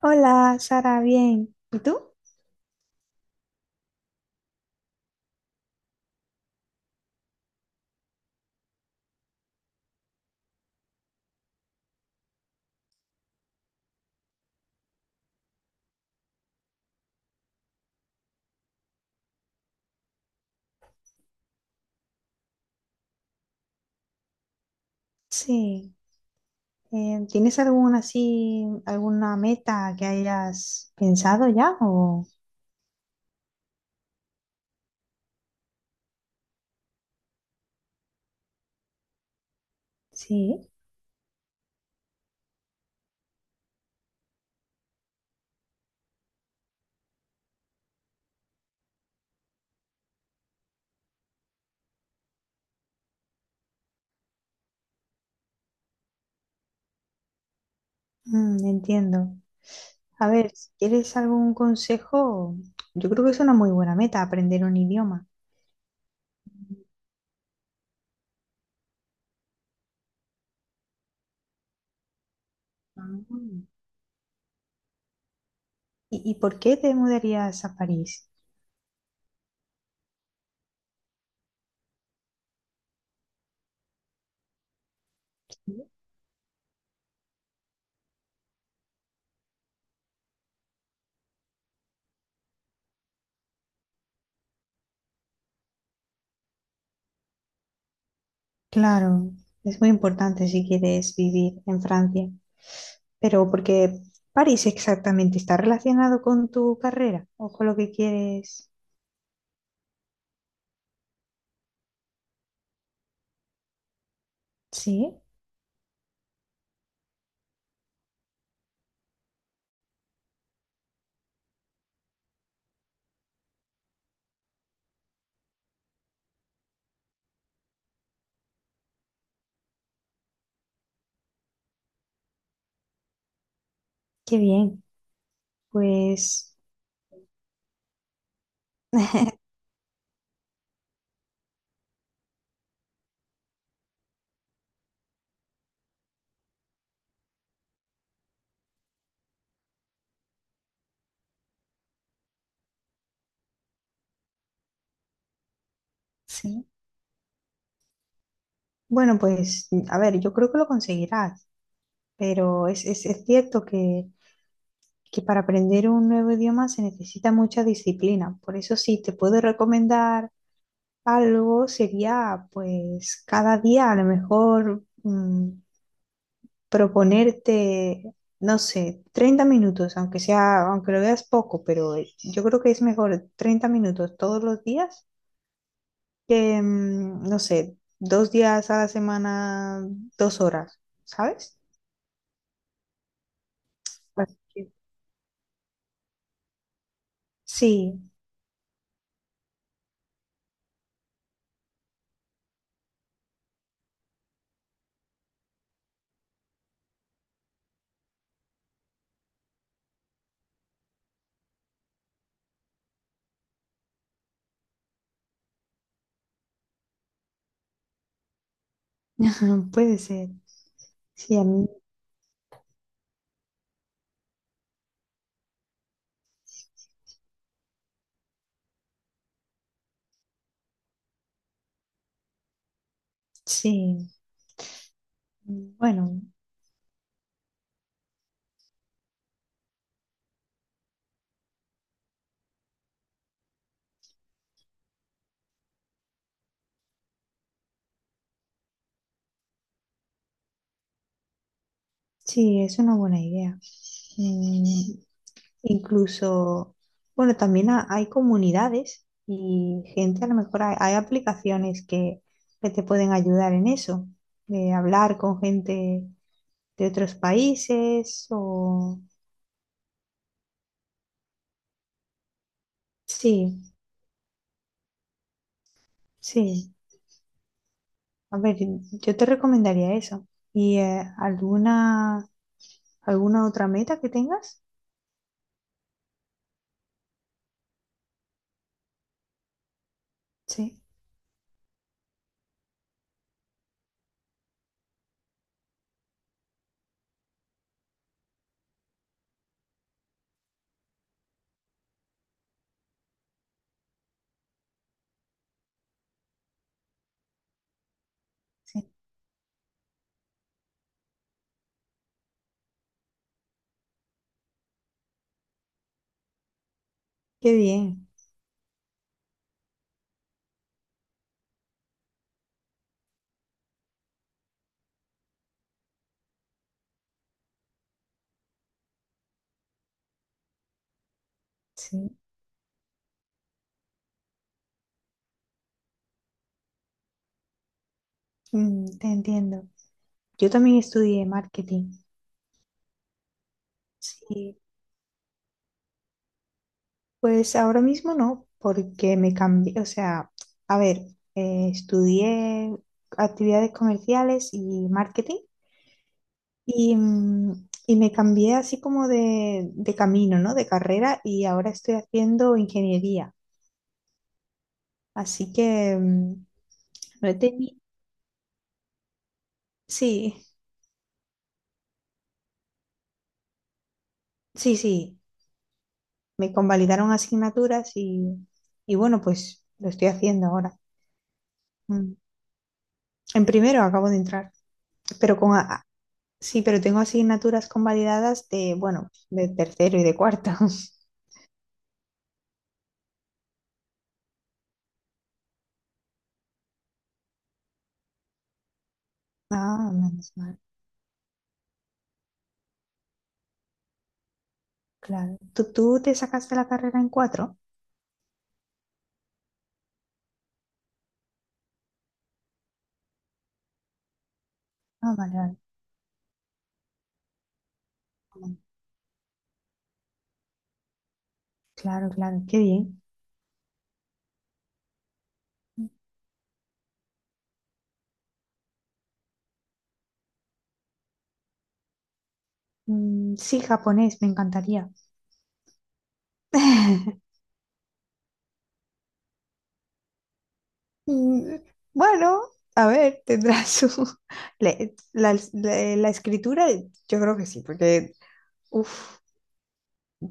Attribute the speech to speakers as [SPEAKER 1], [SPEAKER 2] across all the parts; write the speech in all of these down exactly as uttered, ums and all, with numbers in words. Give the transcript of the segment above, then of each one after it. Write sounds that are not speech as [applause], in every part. [SPEAKER 1] Hola, Sara, bien. Sí. Eh, ¿tienes alguna así, alguna meta que hayas pensado ya? O sí. Mm, entiendo. A ver, si quieres algún consejo, yo creo que es una muy buena meta aprender un idioma. Ah. ¿Y, y por qué te mudarías a París? Sí. Claro, es muy importante si quieres vivir en Francia. Pero porque París exactamente está relacionado con tu carrera o con lo que quieres. Sí, qué bien. Pues [laughs] sí. Bueno, pues a ver, yo creo que lo conseguirás, pero es, es, es cierto que, que para aprender un nuevo idioma se necesita mucha disciplina. Por eso sí, te puedo recomendar algo, sería pues cada día a lo mejor mm, proponerte, no sé, treinta minutos, aunque sea, aunque lo veas poco, pero yo creo que es mejor treinta minutos todos los días que, mm, no sé, dos días a la semana, dos horas, ¿sabes? Así que- Sí. [laughs] Puede ser. Sí, a mí, sí. Bueno, sí, es una buena idea. Mm, Incluso, bueno, también ha- hay comunidades y gente, a lo mejor hay, hay aplicaciones que, que te pueden ayudar en eso, de hablar con gente de otros países o. Sí, sí. A ver, yo te recomendaría eso. ¿Y eh, alguna, alguna otra meta que tengas? Sí, sí. Qué bien, sí. Mm, te entiendo. Yo también estudié marketing. Sí, pues ahora mismo no, porque me cambié, o sea, a ver, eh, estudié actividades comerciales y marketing y, mm, y me cambié así como de, de camino, ¿no? De carrera y ahora estoy haciendo ingeniería. Así que mm, No he teni- sí, sí, sí. Me convalidaron asignaturas y, y bueno, pues lo estoy haciendo ahora. Mm. En primero acabo de entrar, pero con... a- a- sí, pero tengo asignaturas convalidadas de, bueno, de tercero y de cuarto. [laughs] Ah, menos mal. Claro. ¿Tú, tú te sacaste la carrera en cuatro? Ah, vale, vale. Vale. Claro, claro. Qué bien. Mm, sí, japonés, me encantaría. [laughs] Mm. Bueno, a ver, tendrá su. [laughs] le- La, la- la escritura, yo creo que sí, porque uf,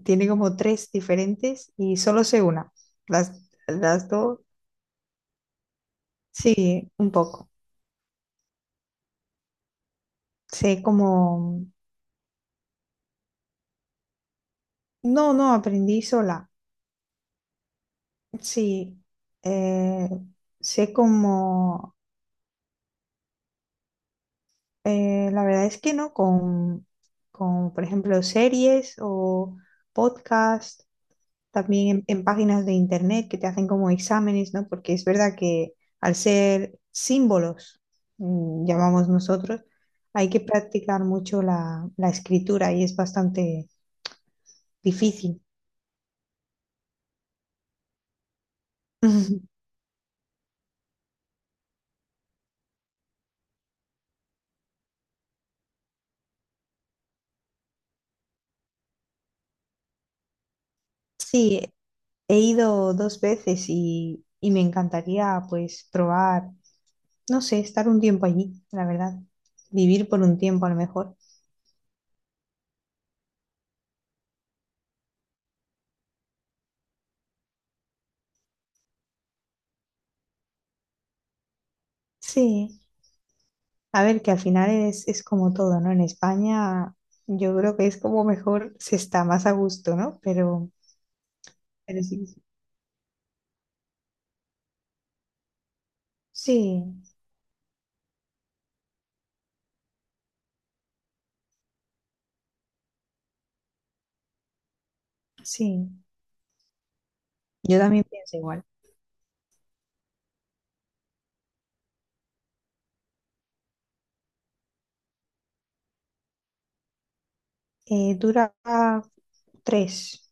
[SPEAKER 1] tiene como tres diferentes y solo sé una. Las, las dos, sí, un poco. Sé como. No, no, aprendí sola. Sí, eh, sé como. eh, la verdad es que no, con, con, por ejemplo, series o podcast también en, en páginas de internet que te hacen como exámenes, ¿no? Porque es verdad que al ser símbolos, mm, llamamos nosotros, hay que practicar mucho la, la escritura y es bastante difícil. [laughs] Sí, he ido dos veces y, y me encantaría pues probar, no sé, estar un tiempo allí, la verdad, vivir por un tiempo a lo mejor. Sí. A ver, que al final es, es como todo, ¿no? En España yo creo que es como mejor se está más a gusto, ¿no? Pero, pero, sí, sí, sí, yo también pienso igual. Eh, dura tres.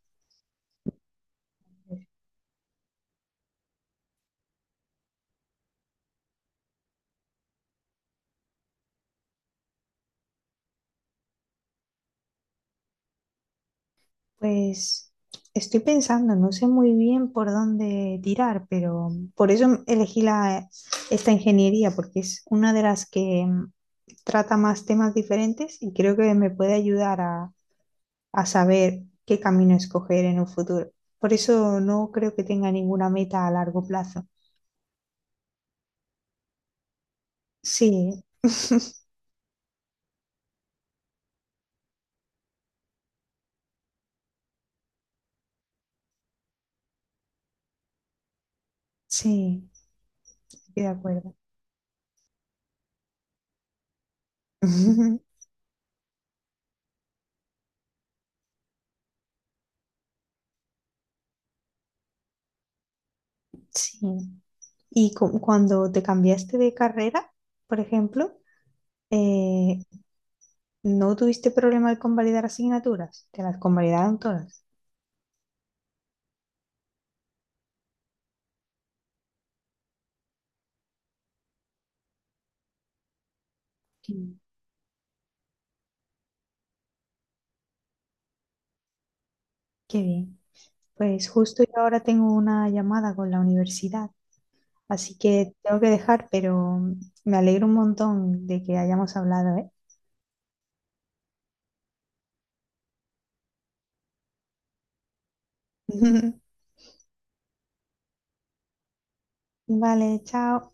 [SPEAKER 1] Pues estoy pensando, no sé muy bien por dónde tirar, pero por eso elegí la, esta ingeniería, porque es una de las que mm, trata más temas diferentes y creo que me puede ayudar a a saber qué camino escoger en un futuro. Por eso no creo que tenga ninguna meta a largo plazo. Sí, [laughs] sí, estoy de acuerdo. [laughs] Sí. Y cu- cuando te cambiaste de carrera, por ejemplo, eh, ¿no tuviste problema de convalidar asignaturas? Te las convalidaron todas. Sí. Qué bien. Pues justo yo ahora tengo una llamada con la universidad, así que tengo que dejar, pero me alegro un montón de que hayamos hablado, ¿eh? [laughs] Vale, chao.